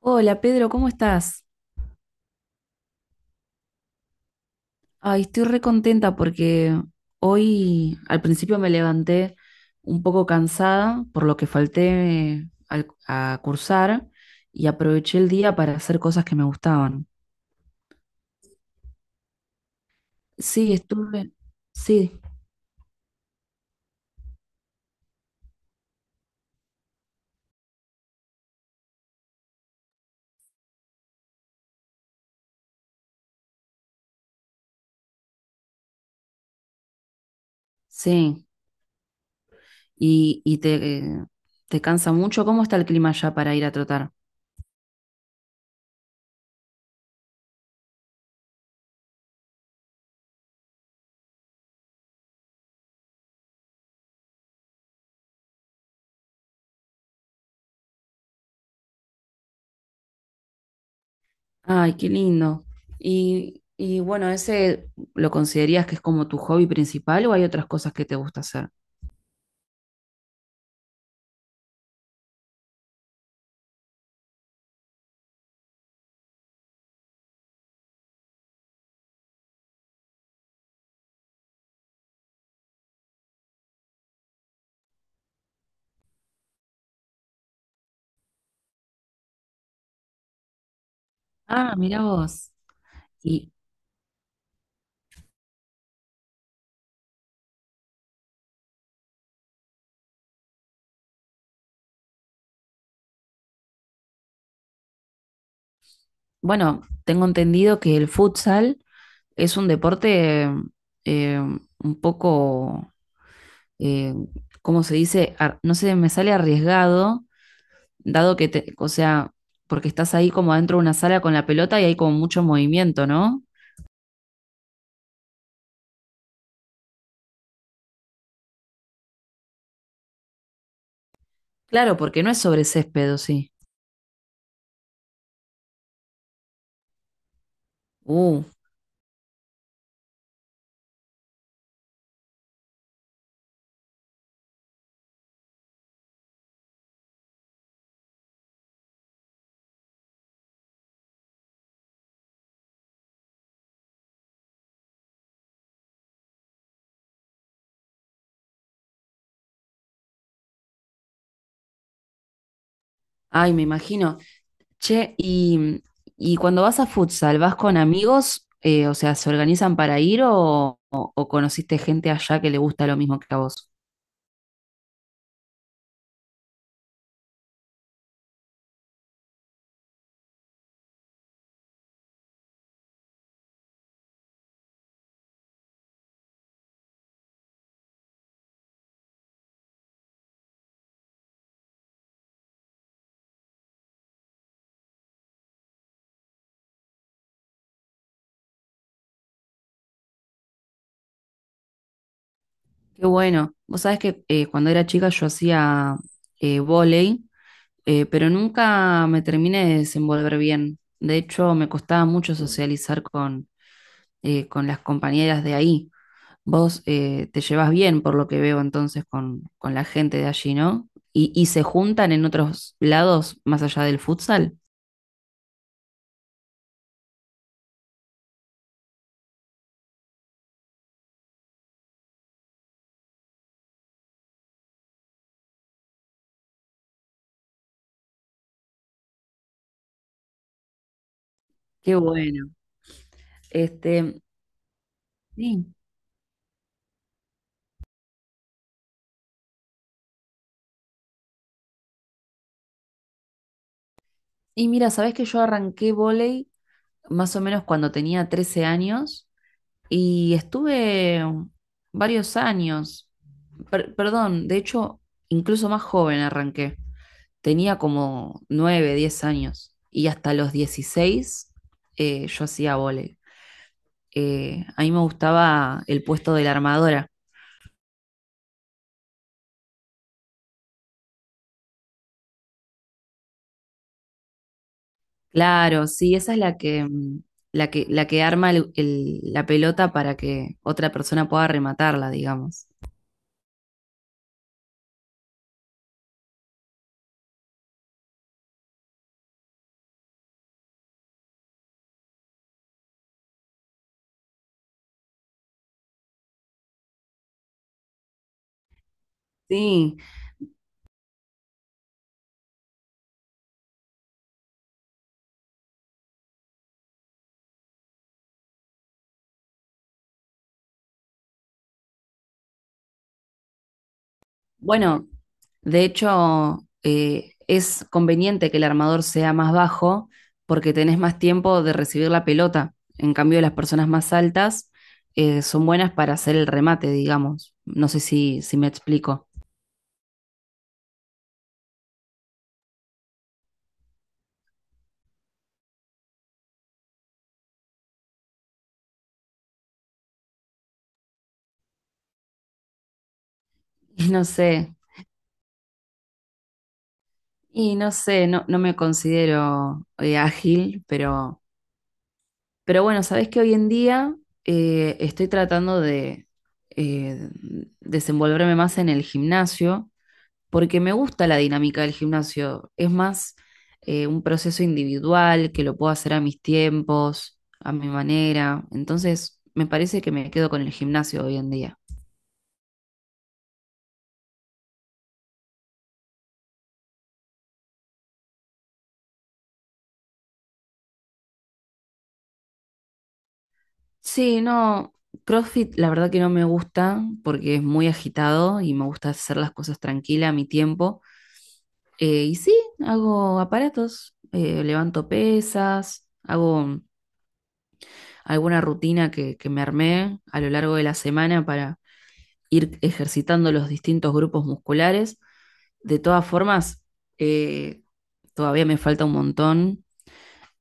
Hola Pedro, ¿cómo estás? Ay, estoy re contenta porque hoy al principio me levanté un poco cansada por lo que a cursar y aproveché el día para hacer cosas que me gustaban. Sí, estuve, sí, sí. ¿Y te cansa mucho? ¿Cómo está el clima ya para ir a trotar? Ay, qué lindo. Y bueno, ¿ese lo considerías que es como tu hobby principal o hay otras cosas que te gusta hacer? Ah, mira vos. Y bueno, tengo entendido que el futsal es un deporte eh, un poco, eh, ¿cómo se dice? No sé, me sale arriesgado, o sea, porque estás ahí como adentro de una sala con la pelota y hay como mucho movimiento, ¿no? Claro, porque no es sobre césped, ¿o sí? Uh, ay, me imagino. Che, y cuando vas a futsal, ¿vas con amigos? O sea, ¿se organizan para ir o conociste gente allá que le gusta lo mismo que a vos? Qué bueno. Vos sabés que cuando era chica yo hacía vóley, pero nunca me terminé de desenvolver bien. De hecho, me costaba mucho socializar con las compañeras de ahí. Vos te llevas bien, por lo que veo entonces, con la gente de allí, ¿no? Y se juntan en otros lados más allá del futsal. Qué bueno. Este, sí. Y mira, sabés que yo arranqué vóley más o menos cuando tenía 13 años y estuve varios años. Perdón, de hecho, incluso más joven arranqué. Tenía como 9 10 años y hasta los 16 yo hacía vóley. A mí me gustaba el puesto de la armadora. Claro, sí, esa es la que, mm, la que arma la pelota para que otra persona pueda rematarla, digamos. Sí, bueno, de hecho, es conveniente que el armador sea más bajo porque tenés más tiempo de recibir la pelota. En cambio, las personas más altas son buenas para hacer el remate, digamos. No sé si, si me explico. Y no sé, no, no me considero ágil, pero bueno, sabés que hoy en día estoy tratando de eh, desenvolverme más en el gimnasio porque me gusta la dinámica del gimnasio. Es más un proceso individual que lo puedo hacer a mis tiempos, a mi manera. Entonces, me parece que me quedo con el gimnasio hoy en día. Sí, no, CrossFit la verdad que no me gusta porque es muy agitado y me gusta hacer las cosas tranquila a mi tiempo. Y sí, hago aparatos, levanto pesas, hago alguna rutina que me armé a lo largo de la semana para ir ejercitando los distintos grupos musculares. De todas formas, eh, todavía me falta un montón.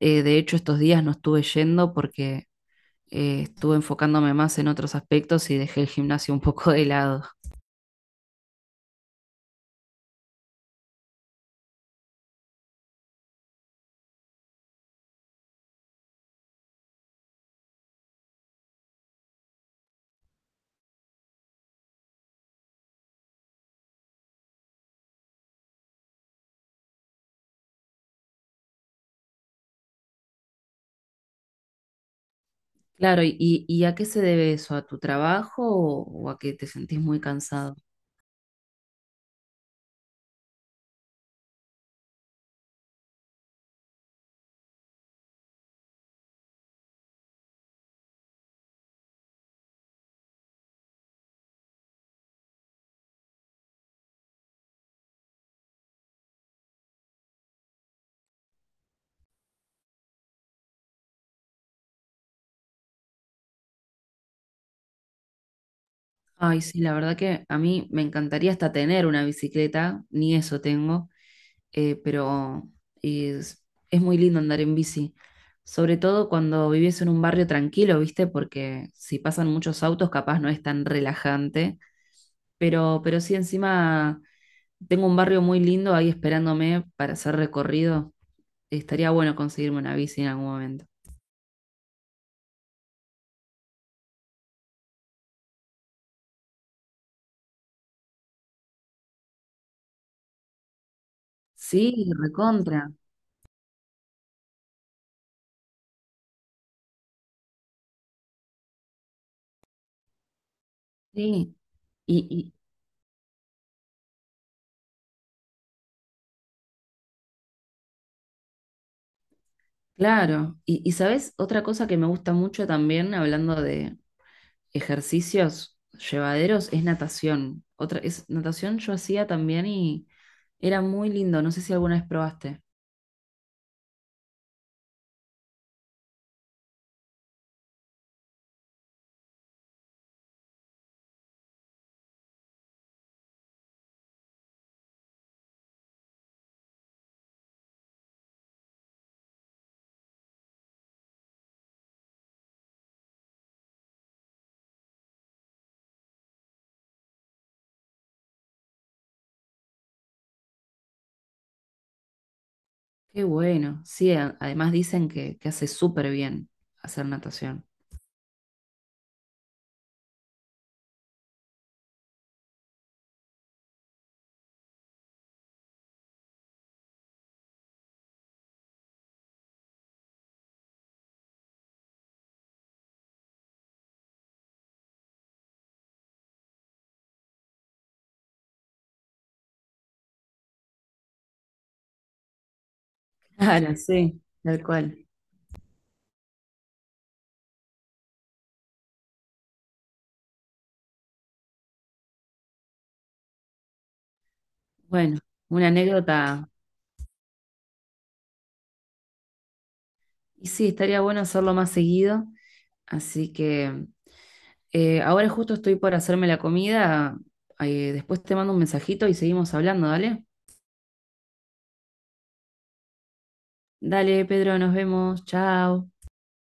De hecho, estos días no estuve yendo porque estuve enfocándome más en otros aspectos y dejé el gimnasio un poco de lado. Claro, ¿y a qué se debe eso? ¿A tu trabajo o a que te sentís muy cansado? Ay, sí, la verdad que a mí me encantaría hasta tener una bicicleta, ni eso tengo, pero es, es muy lindo andar en bici, sobre todo cuando vivís en un barrio tranquilo, ¿viste? Porque si pasan muchos autos, capaz no es tan relajante, pero sí encima tengo un barrio muy lindo ahí esperándome para hacer recorrido. Estaría bueno conseguirme una bici en algún momento. Sí, recontra, sí. Y claro, y sabes, otra cosa que me gusta mucho también, hablando de, ejercicios llevaderos es natación. Natación yo hacía también y era muy lindo. No sé si alguna vez probaste. Qué bueno. Sí, además dicen que hace súper bien hacer natación. Claro, sí, tal cual. Bueno, una anécdota. Y sí, estaría bueno hacerlo más seguido. Así que ahora justo estoy por hacerme la comida. Después te mando un mensajito y seguimos hablando, ¿dale? Dale, Pedro, nos vemos. Chao.